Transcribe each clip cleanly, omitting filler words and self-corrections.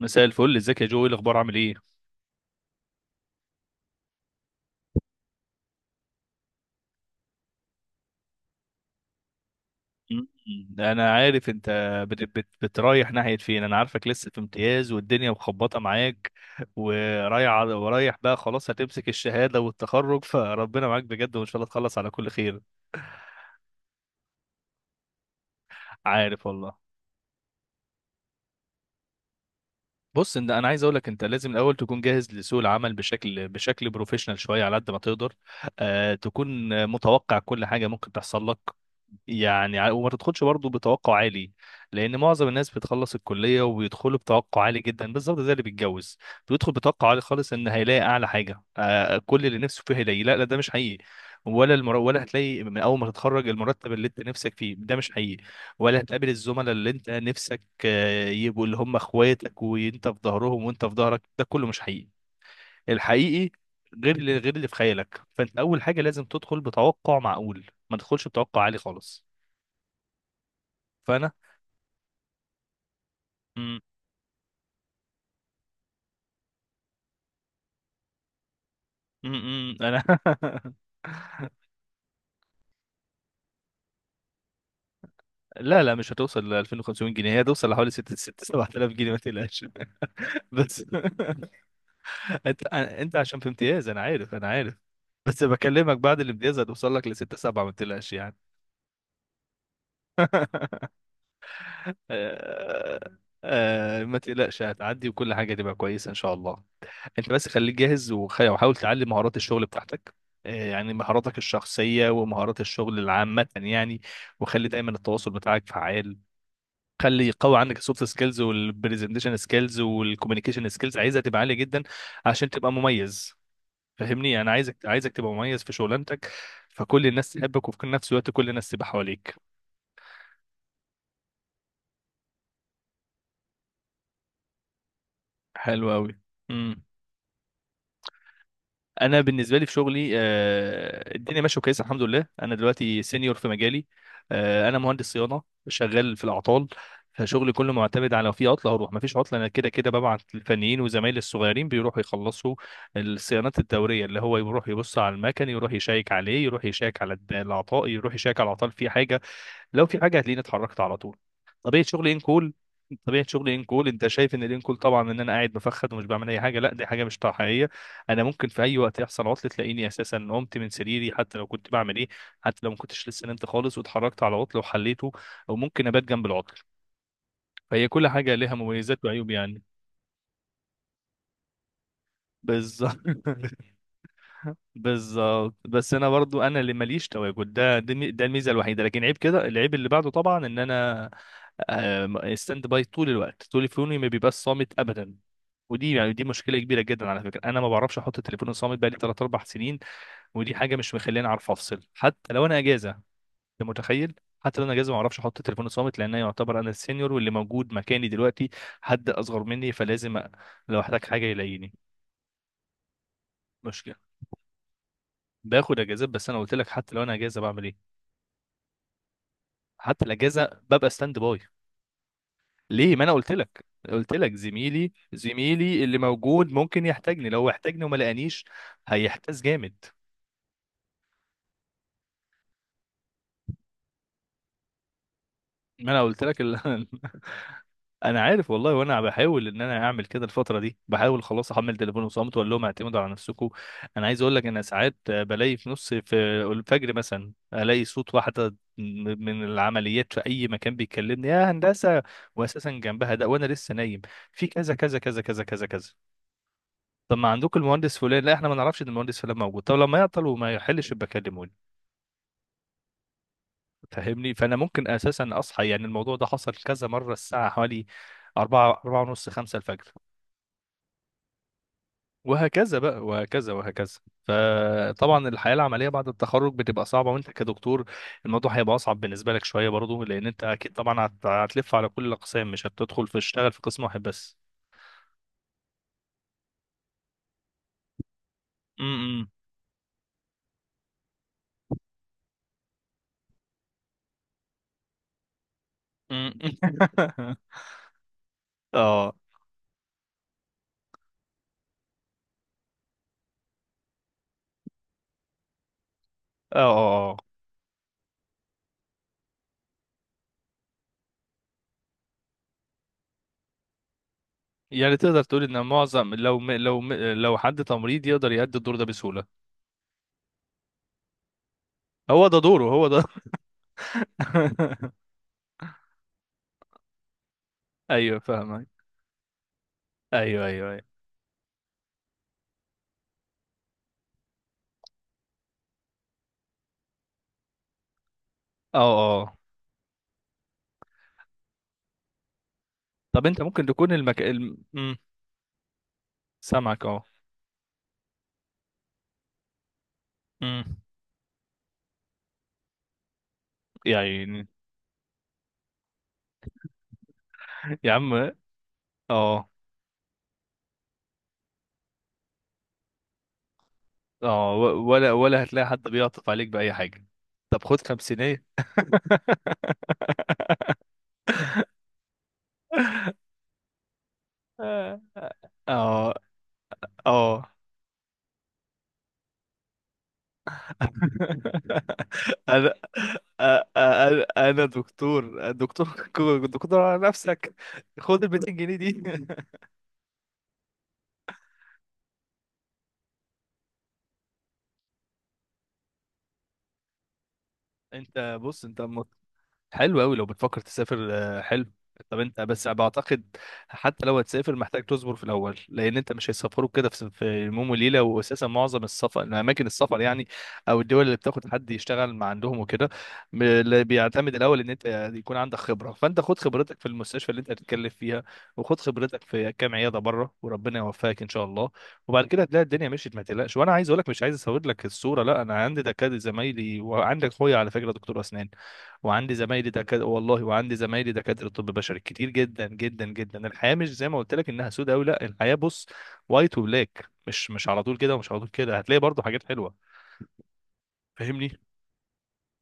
مساء الفل، ازيك يا جو؟ ايه الاخبار؟ عامل ايه؟ مم. انا عارف انت بت بت بترايح ناحيه فين. انا عارفك لسه في امتياز والدنيا مخبطه معاك ورايح. بقى خلاص هتمسك الشهاده والتخرج، فربنا معاك بجد وان شاء الله تخلص على كل خير. عارف والله، بص انت، انا عايز اقول لك انت لازم الاول تكون جاهز لسوق العمل بشكل بروفيشنال شويه على قد ما تقدر. آه، تكون متوقع كل حاجه ممكن تحصل لك. يعني وما تدخلش برضه بتوقع عالي، لان معظم الناس بتخلص الكليه وبيدخلوا بتوقع عالي جدا. بالظبط زي اللي بيتجوز، بيدخل بتوقع عالي خالص ان هيلاقي اعلى حاجه، آه، كل اللي نفسه فيه هيلاقيه. لا لا، ده مش حقيقي. ولا هتلاقي من اول ما تتخرج المرتب اللي انت نفسك فيه، ده مش حقيقي. ولا هتقابل الزملاء اللي انت نفسك يبقوا اللي هم اخواتك وانت في ظهرهم وانت في ظهرك، ده كله مش حقيقي. الحقيقي غير اللي غير اللي في خيالك. فانت اول حاجه لازم تدخل بتوقع معقول، ما تدخلش بتوقع عالي خالص. فانا مم، انا لا لا، مش هتوصل ل 2500 جنيه، هي هتوصل لحوالي 6 7000 جنيه، ما تقلقش. بس انت عشان في امتياز، انا عارف، انا عارف. بس بكلمك بعد الامتياز هتوصل لك ل 6 7، ما تقلقش يعني. آه، ما تقلقش، هتعدي وكل حاجه تبقى كويسه ان شاء الله. انت بس خليك جاهز وحاول تعلي مهارات الشغل بتاعتك. آه، يعني مهاراتك الشخصية ومهارات الشغل العامة يعني. وخلي دايما التواصل بتاعك فعال، خلي يقوي عندك السوفت سكيلز والبرزنتيشن سكيلز والكوميونيكيشن سكيلز، عايزها تبقى عالية جدا عشان تبقى مميز. فاهمني؟ انا عايزك تبقى مميز في شغلانتك، فكل الناس تحبك وفي نفس الوقت كل الناس تبقى حواليك. حلو قوي. انا بالنسبه لي في شغلي، آه، الدنيا ماشيه كويسه الحمد لله. انا دلوقتي سينيور في مجالي، آه، انا مهندس صيانه، شغال في الاعطال. فشغلي كله معتمد على لو في عطله هروح، ما فيش عطله انا كده كده ببعت الفنيين وزمايلي الصغيرين بيروحوا يخلصوا الصيانات الدوريه، اللي هو يروح يبص على المكن، يروح يشيك عليه، يروح يشيك على الاعطال، يروح يشيك على الاعطال، في حاجه لو في حاجه هتلاقيني اتحركت على طول. طبيعه شغلي ان كول. طبيعه شغلي ان كول. انت شايف ان الان كول طبعا، ان انا قاعد بفخد ومش بعمل اي حاجه؟ لا، دي حاجه مش حقيقيه. انا ممكن في اي وقت يحصل عطل تلاقيني اساسا قمت من سريري حتى لو كنت بعمل ايه، حتى لو ما كنتش لسه نمت خالص واتحركت على عطل وحليته، او ممكن ابات جنب العطل. فهي كل حاجه لها مميزات وعيوب يعني. بالظبط. بالظبط. بس انا برضو، انا اللي ماليش تواجد ده الميزه الوحيده، لكن عيب كده العيب اللي بعده طبعا ان انا، آه، ستاند باي طول الوقت، تليفوني ما بيبقاش صامت ابدا. ودي يعني دي مشكله كبيره جدا على فكره. انا ما بعرفش احط التليفون صامت بقالي 3 4 سنين. ودي حاجه مش مخليني اعرف افصل حتى لو انا اجازه. انت متخيل؟ حتى لو انا اجازه ما اعرفش احط التليفون صامت، لان أنا يعتبر انا السينيور واللي موجود مكاني دلوقتي حد اصغر مني، لو احتاج حاجه يلاقيني. باخد اجازات بس انا قلت لك، حتى لو انا اجازه بعمل ايه، حتى الاجازه ببقى ستاند باي. ليه؟ ما انا قلت لك، قلت لك، زميلي اللي موجود ممكن يحتاجني، لو احتاجني وما لقانيش هيحتاج جامد. ما انا قلت لك انا عارف والله، وانا بحاول ان انا اعمل كده الفتره دي، بحاول خلاص احمل تليفون وصمت واقول لهم اعتمدوا على نفسكم. انا عايز اقول لك، انا ساعات بلاقي في نص في الفجر مثلا الاقي صوت واحده من العمليات في اي مكان بيكلمني: يا هندسه، واساسا جنبها ده وانا لسه نايم، في كذا كذا كذا كذا كذا كذا. طب ما عندكم المهندس فلان؟ لا احنا ما نعرفش ان المهندس فلان موجود. طب لما يعطل وما يحلش يبقى كلموني. فاهمني؟ فانا ممكن اساسا اصحى يعني، الموضوع ده حصل كذا مره الساعه حوالي 4 ونص 5 الفجر، وهكذا بقى وهكذا وهكذا. فطبعا الحياة العملية بعد التخرج بتبقى صعبة، وانت كدكتور الموضوع هيبقى اصعب بالنسبة لك شوية برضو، لان انت اكيد طبعا هتلف على كل الاقسام، مش هتدخل في تشتغل في قسم واحد بس. امم. اه، اه، اه. آه. يعني تقدر تقول ان معظم، لو حد تمريض يقدر يأدي الدور ده بسهولة. هو ده دوره، هو ده. ايوه فاهمك. ايوه، ايوه، ايوه. اه، اه. طب انت ممكن تكون المك... الم... مم. سامعك. اه، يعني، يا عم. اه، اه، ولا ولا هتلاقي حد بيعطف عليك بأي حاجة. طب خد خمسينية. اه، اه. انا انا دكتور، دكتور، دكتور على نفسك، خد ال 200 جنيه دي. انت بص، انت حلو قوي لو بتفكر تسافر، آه، حلو. طب انت بس بعتقد، حتى لو هتسافر محتاج تصبر في الاول، لان انت مش هيسافروك كده في يوم وليله، واساسا معظم السفر اماكن السفر يعني، او الدول اللي بتاخد حد يشتغل مع عندهم وكده، اللي بيعتمد الاول ان انت يكون عندك خبره، فانت خد خبرتك في المستشفى اللي انت هتتكلم فيها، وخد خبرتك في كام عياده بره، وربنا يوفقك ان شاء الله. وبعد كده هتلاقي الدنيا مشيت ما تقلقش. وانا عايز اقول لك، مش عايز اصور لك الصوره، لا انا عندي دكاتره زمايلي، وعندك اخويا على فكره دكتور اسنان، وعندي زمايلي دكاتره والله، وعندي زمايلي دكاتره طب بشري كتير جدا جدا جدا. الحياه مش زي ما قلت لك انها سودة، او لا الحياه بص، وايت وبلاك، مش على طول كده، ومش على طول كده، هتلاقي برضو حاجات حلوه. فاهمني؟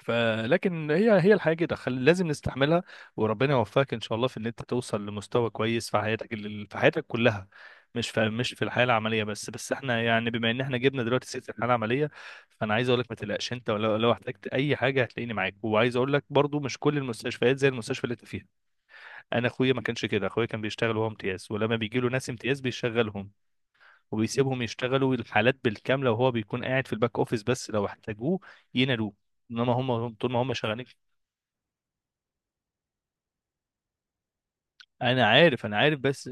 فلكن هي الحياه كده، لازم نستحملها. وربنا يوفقك ان شاء الله في ان انت توصل لمستوى كويس في حياتك، في حياتك كلها، مش في، مش في الحياه العمليه بس. بس احنا يعني بما ان احنا جبنا دلوقتي سيره الحياه العمليه، فانا عايز اقول لك ما تقلقش انت، ولو احتجت اي حاجه هتلاقيني معاك. وعايز اقول لك برضو، مش كل المستشفيات زي المستشفى اللي انت فيها. انا اخويا ما كانش كده، اخويا كان بيشتغل وهو امتياز، ولما بيجي له ناس امتياز بيشغلهم وبيسيبهم يشتغلوا الحالات بالكامله، وهو بيكون قاعد في الباك اوفيس بس لو احتاجوه ينادوه، انما هم طول ما هم شغالين. انا عارف، انا عارف بس.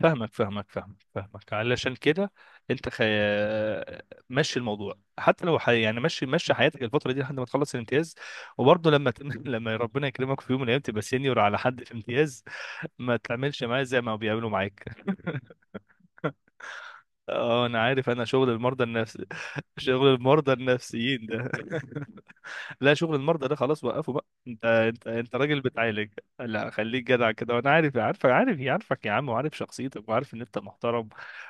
فاهمك، فاهمك، فاهمك، فاهمك، علشان كده انت مشي الموضوع، حتى لو يعني مشي حياتك الفتره دي لحد ما تخلص الامتياز. وبرضه لما لما ربنا يكرمك في يوم من الايام تبقى سينيور على حد في امتياز، ما تعملش معاه زي ما بيعملوا معاك. اه، انا عارف، انا شغل المرضى النفس شغل المرضى النفسيين ده. لا، شغل المرضى ده خلاص وقفه بقى، انت انت راجل بتعالج. لا خليك جدع كده، وانا عارف، عارفك، عارفك يا عم، وعارف شخصيتك، وعارف ان انت محترم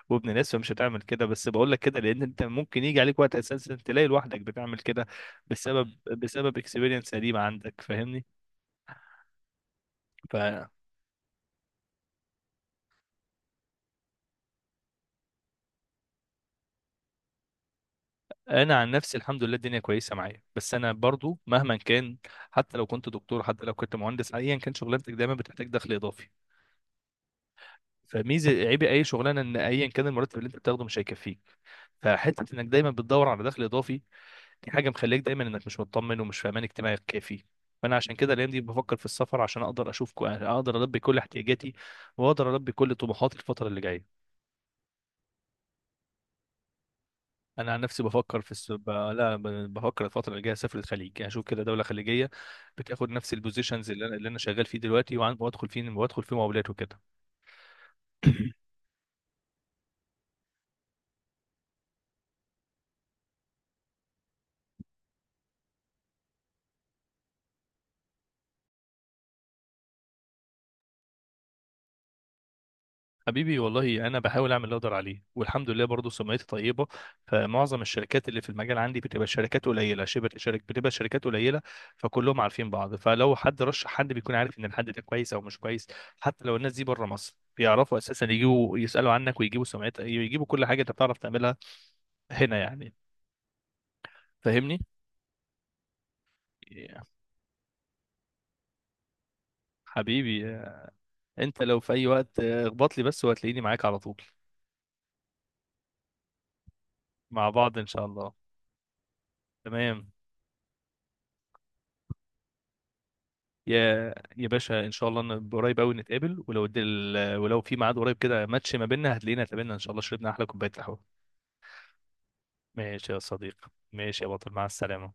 وابن ناس، فمش هتعمل كده. بس بقول لك كده لان انت ممكن يجي عليك وقت اساسا تلاقي لوحدك بتعمل كده بسبب اكسبيرينس قديمه عندك. فاهمني؟ فانا عن نفسي الحمد لله الدنيا كويسه معايا، بس انا برضو مهما كان، حتى لو كنت دكتور، حتى لو كنت مهندس، ايا كان شغلانتك دايما بتحتاج دخل اضافي. فميزه عيب اي شغلانه ان ايا كان المرتب اللي انت بتاخده مش هيكفيك، فحته انك دايما بتدور على دخل اضافي. دي حاجه مخليك دايما انك مش مطمن ومش في امان اجتماعي كافي. فانا عشان كده الايام دي بفكر في السفر، عشان اقدر اشوف اقدر البي كل احتياجاتي، واقدر البي كل طموحاتي الفتره اللي جايه. انا عن نفسي بفكر في الس... ب... لا ب- بفكر الفتره اللي جايه اسافر الخليج، يعني اشوف كده دوله خليجيه بتاخد نفس البوزيشنز اللي انا اللي انا شغال فيه دلوقتي، وادخل فيه مقاولات وكده. حبيبي والله انا بحاول اعمل اللي اقدر عليه، والحمد لله برضه سمعتي طيبه. فمعظم الشركات اللي في المجال عندي بتبقى شركات قليله، شبه شركة، بتبقى شركات قليله، فكلهم عارفين بعض. فلو حد رشح حد بيكون عارف ان الحد ده كويس او مش كويس. حتى لو الناس دي بره مصر بيعرفوا اساسا يجيبوا يسالوا عنك، ويجيبوا سمعتك، يجيبوا كل حاجه انت بتعرف تعملها هنا يعني. فاهمني؟ يا حبيبي، انت لو في اي وقت اخبط لي بس، وهتلاقيني معاك على طول. مع بعض ان شاء الله. تمام. يا باشا ان شاء الله إن قريب قوي نتقابل، ولو ولو في ميعاد قريب كده ماتش ما بيننا هتلاقينا اتقابلنا ان شاء الله، شربنا احلى كوبايه قهوه. ماشي يا صديقي، ماشي يا بطل، مع السلامه.